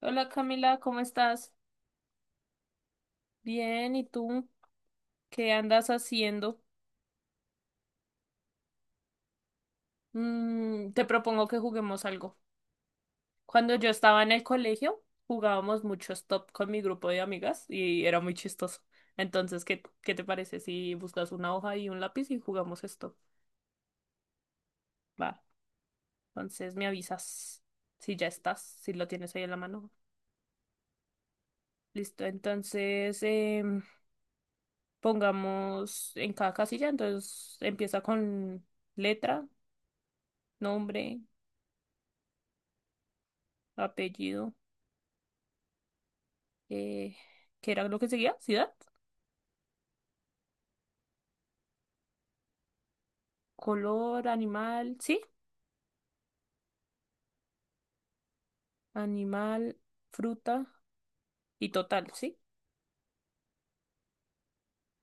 Hola Camila, ¿cómo estás? Bien, ¿y tú? ¿Qué andas haciendo? Mm, te propongo que juguemos algo. Cuando yo estaba en el colegio, jugábamos mucho stop con mi grupo de amigas y era muy chistoso. Entonces, ¿qué te parece si buscas una hoja y un lápiz y jugamos stop? Va, entonces me avisas si ya estás, si lo tienes ahí en la mano. Listo, entonces em, pongamos en cada casilla, entonces empieza con letra, nombre, apellido, eh, ¿qué era lo que seguía? Ciudad, color, animal, sí, animal, fruta y total, sí,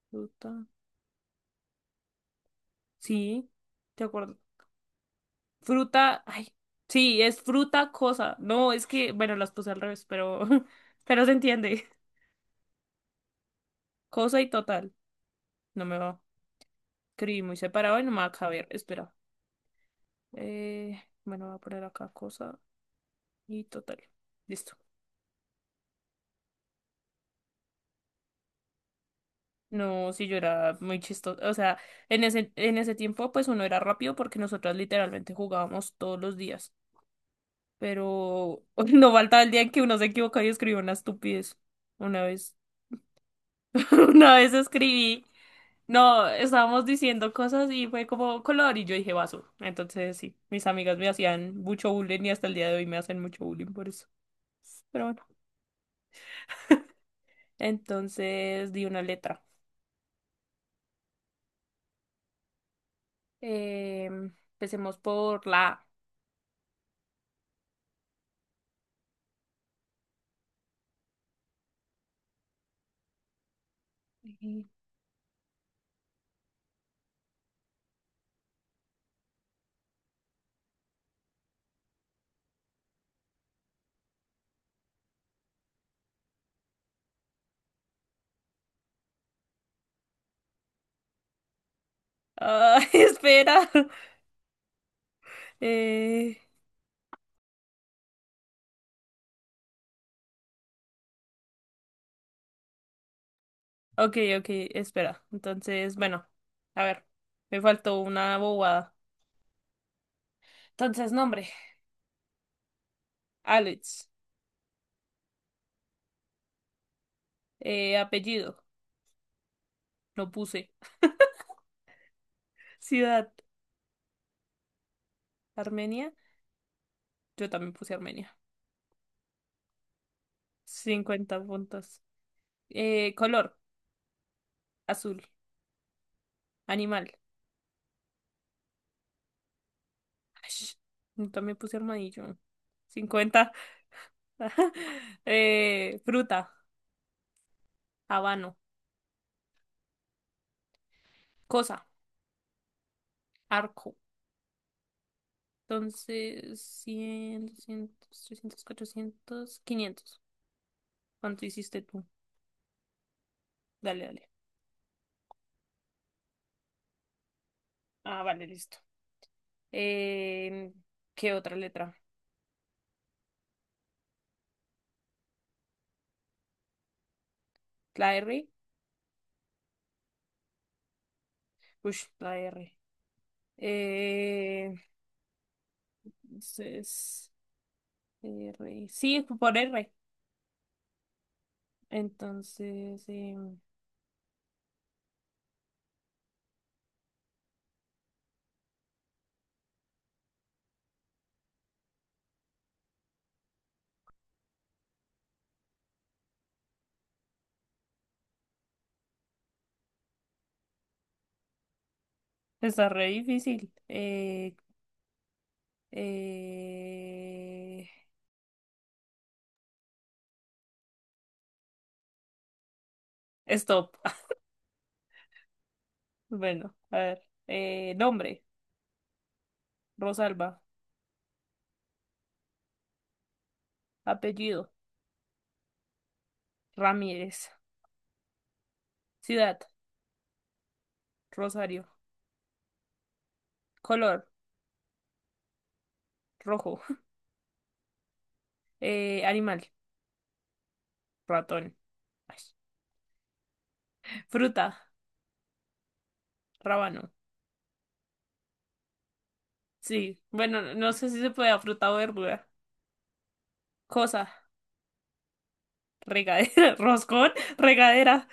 fruta, sí, de acuerdo. Fruta, ay, sí, es fruta, cosa. No, es que, bueno, las puse al revés, pero, pero se entiende. Cosa y total, no me va. Escribí muy separado y no me va a caber, espera. Bueno, voy a poner acá cosa y total. Listo. No, sí, yo era muy chistoso. O sea, en ese tiempo, pues uno era rápido porque nosotras literalmente jugábamos todos los días. Pero no faltaba el día en que uno se equivocaba y escribió una estupidez. Una vez, una vez escribí. No, estábamos diciendo cosas y fue como color y yo dije vaso. Entonces, sí, mis amigas me hacían mucho bullying y hasta el día de hoy me hacen mucho bullying por eso. Pero bueno, entonces di una letra. Empecemos por la A. Ah, espera. Eh, ok, ok, espera. Entonces, bueno, a ver, me faltó una bobada. Entonces, nombre, Alex. Apellido, no puse. Ciudad, Armenia. Yo también puse Armenia. 50 puntos. Color, azul. Animal. Ash, yo también puse armadillo. 50. Fruta, habano. Cosa, arco. Entonces, 100 200 300 400 500. ¿Cuánto hiciste tú? Dale, dale. Ah, vale, listo. Eh, ¿Qué otra letra? ¿La R? Ush, la R. Eh, entonces, R. Sí, fue por R. Entonces, está re difícil. Eh, stop. Bueno, a ver. Nombre, Rosalba. Apellido, Ramírez. Ciudad, Rosario. Color, rojo. Animal, ratón. Ay. Fruta, rábano. Sí, bueno, no sé si se puede fruta o verdura. Cosa, regadera, roscón, regadera.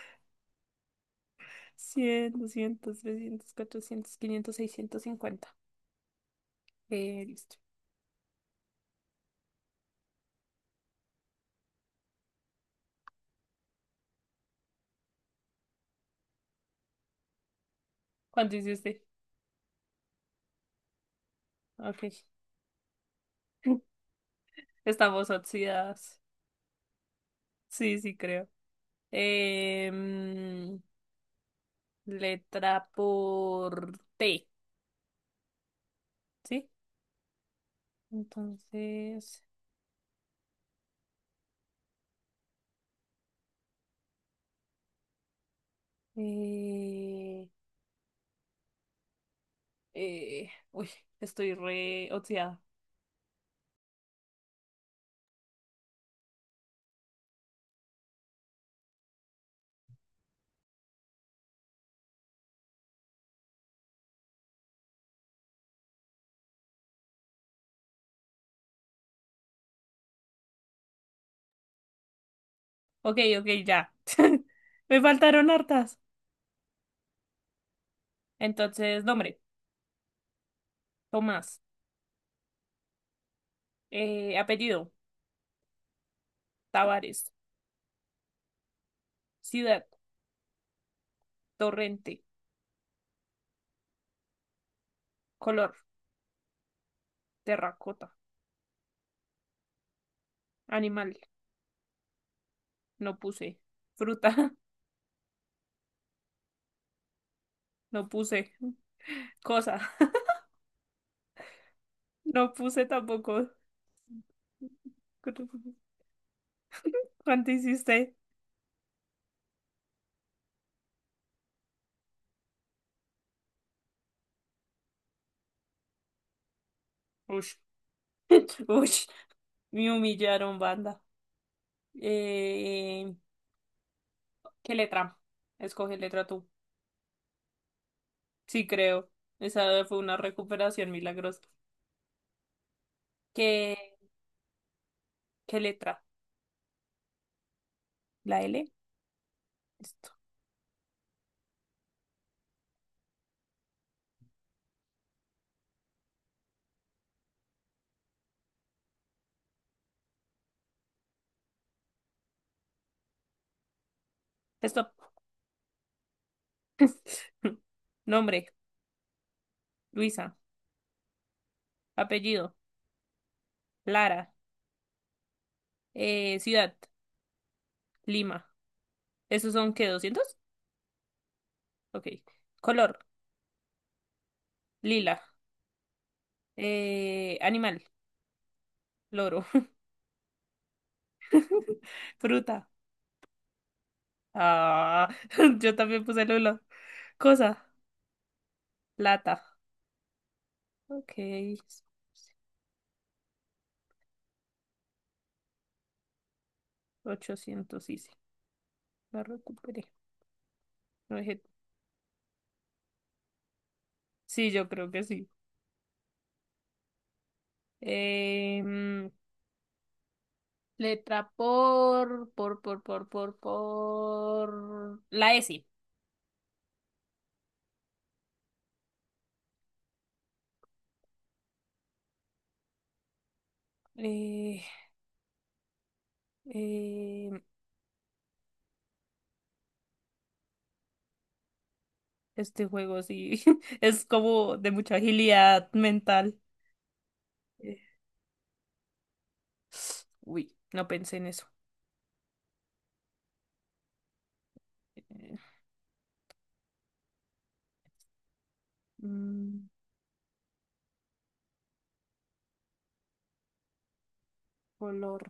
100, 200, 300, 400, 500, 650. Listo. ¿Cuánto hiciste? Ok. Estamos oxidadas. Sí, sí, creo. Em, letra por T, ¿sí? Entonces... Eh, uy, estoy re oxidada. Ok, ok, ya. Me faltaron hartas. Entonces, nombre, Tomás. Apellido, Tavares. Ciudad, Torrente. Color, terracota. Animal, no puse. Fruta, no puse. Cosa, no puse tampoco. ¿Cuánto hiciste? Ush. Ush. Me humillaron, banda. Eh, ¿Qué letra? Escoge letra tú. Sí, creo. Esa fue una recuperación milagrosa. ¿Qué, qué letra? ¿La L? Esto. Esto. Nombre, Luisa. Apellido, Lara. Ciudad, Lima. ¿Esos son qué? 200. Ok. Color, lila. Animal, loro. Fruta. Ah, yo también puse Lula. Cosa, lata. Ok. 800 hice. La recuperé. No dije- Sí, yo creo que sí. Eh, mm, letra por. La S. Eh, eh, este juego sí es como de mucha agilidad mental. Eh, Uy, no pensé en eso. Eh, mm, color.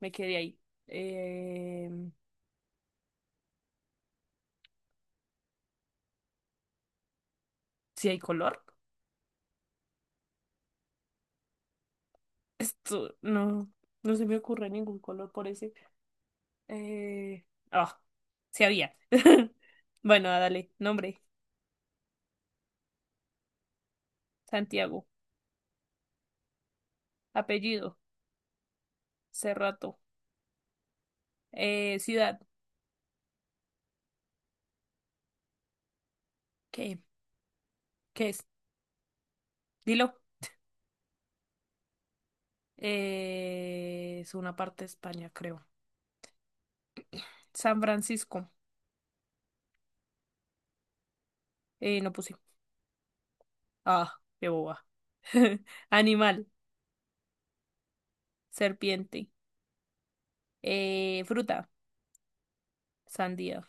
Me quedé ahí. Eh, ¿Sí hay color? Esto no, no se me ocurre ningún color por ese. Eh, ah, sí había. Bueno, ah, dale, nombre, Santiago, apellido, Cerrato, ciudad, ¿qué? ¿Qué es? Dilo. Es una parte de España, creo. San Francisco, no puse. Ah, qué boba. Animal, serpiente, fruta, sandía,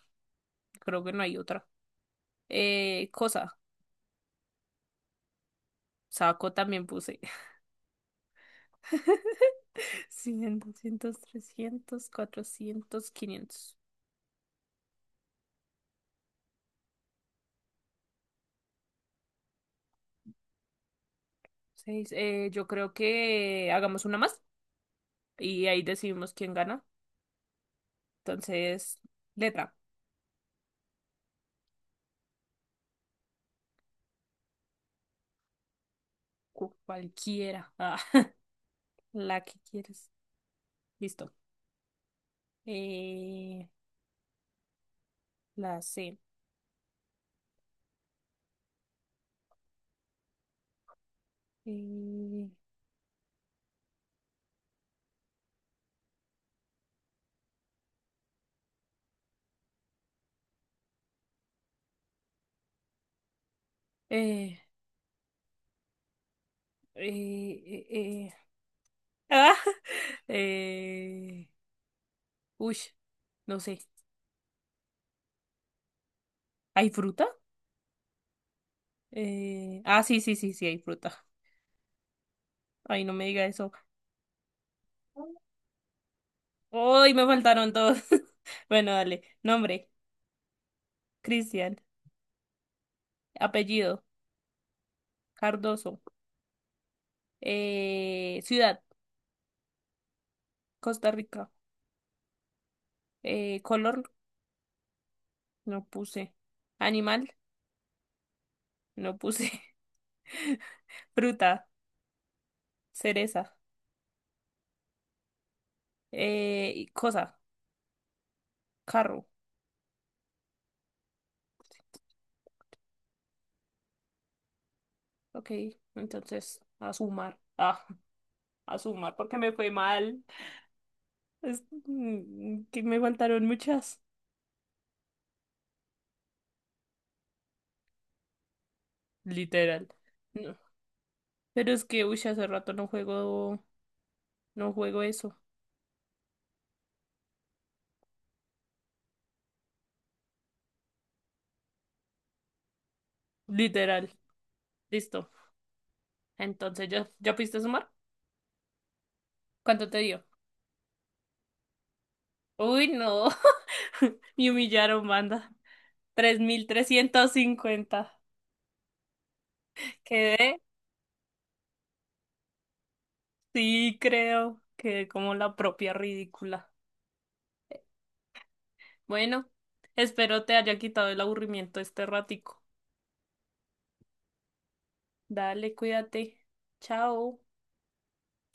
creo que no hay otra. Cosa, saco también puse. 100, 200, 300 400 500. Seis. Yo creo que hagamos una más y ahí decidimos quién gana. Entonces, letra. Cu- cualquiera. Ah, la que quieres. Listo. Eh, la C. Eh, eh, eh, eh, eh. Ah, eh, uy, no sé. ¿Hay fruta? Ah, sí, sí, sí, sí, hay fruta. Ay, no me diga eso. Uy, me faltaron todos. Bueno, dale. Nombre, Cristian. Apellido, Cardoso. Ciudad, Costa Rica. Color, no puse. Animal, no puse. Fruta, cereza. Y cosa, carro. Ok, entonces, a sumar. Ah, a sumar porque me fue mal. Que me faltaron muchas. Literal. No, pero es que, uy, hace rato no juego, no juego eso. Literal. Listo. Entonces, ¿ya pudiste sumar? ¿Cuánto te dio? Uy, no. Me humillaron, banda. 3.350. Quedé, sí, creo. Quedé como la propia ridícula. Bueno, espero te haya quitado el aburrimiento este ratico. Dale, cuídate. Chao.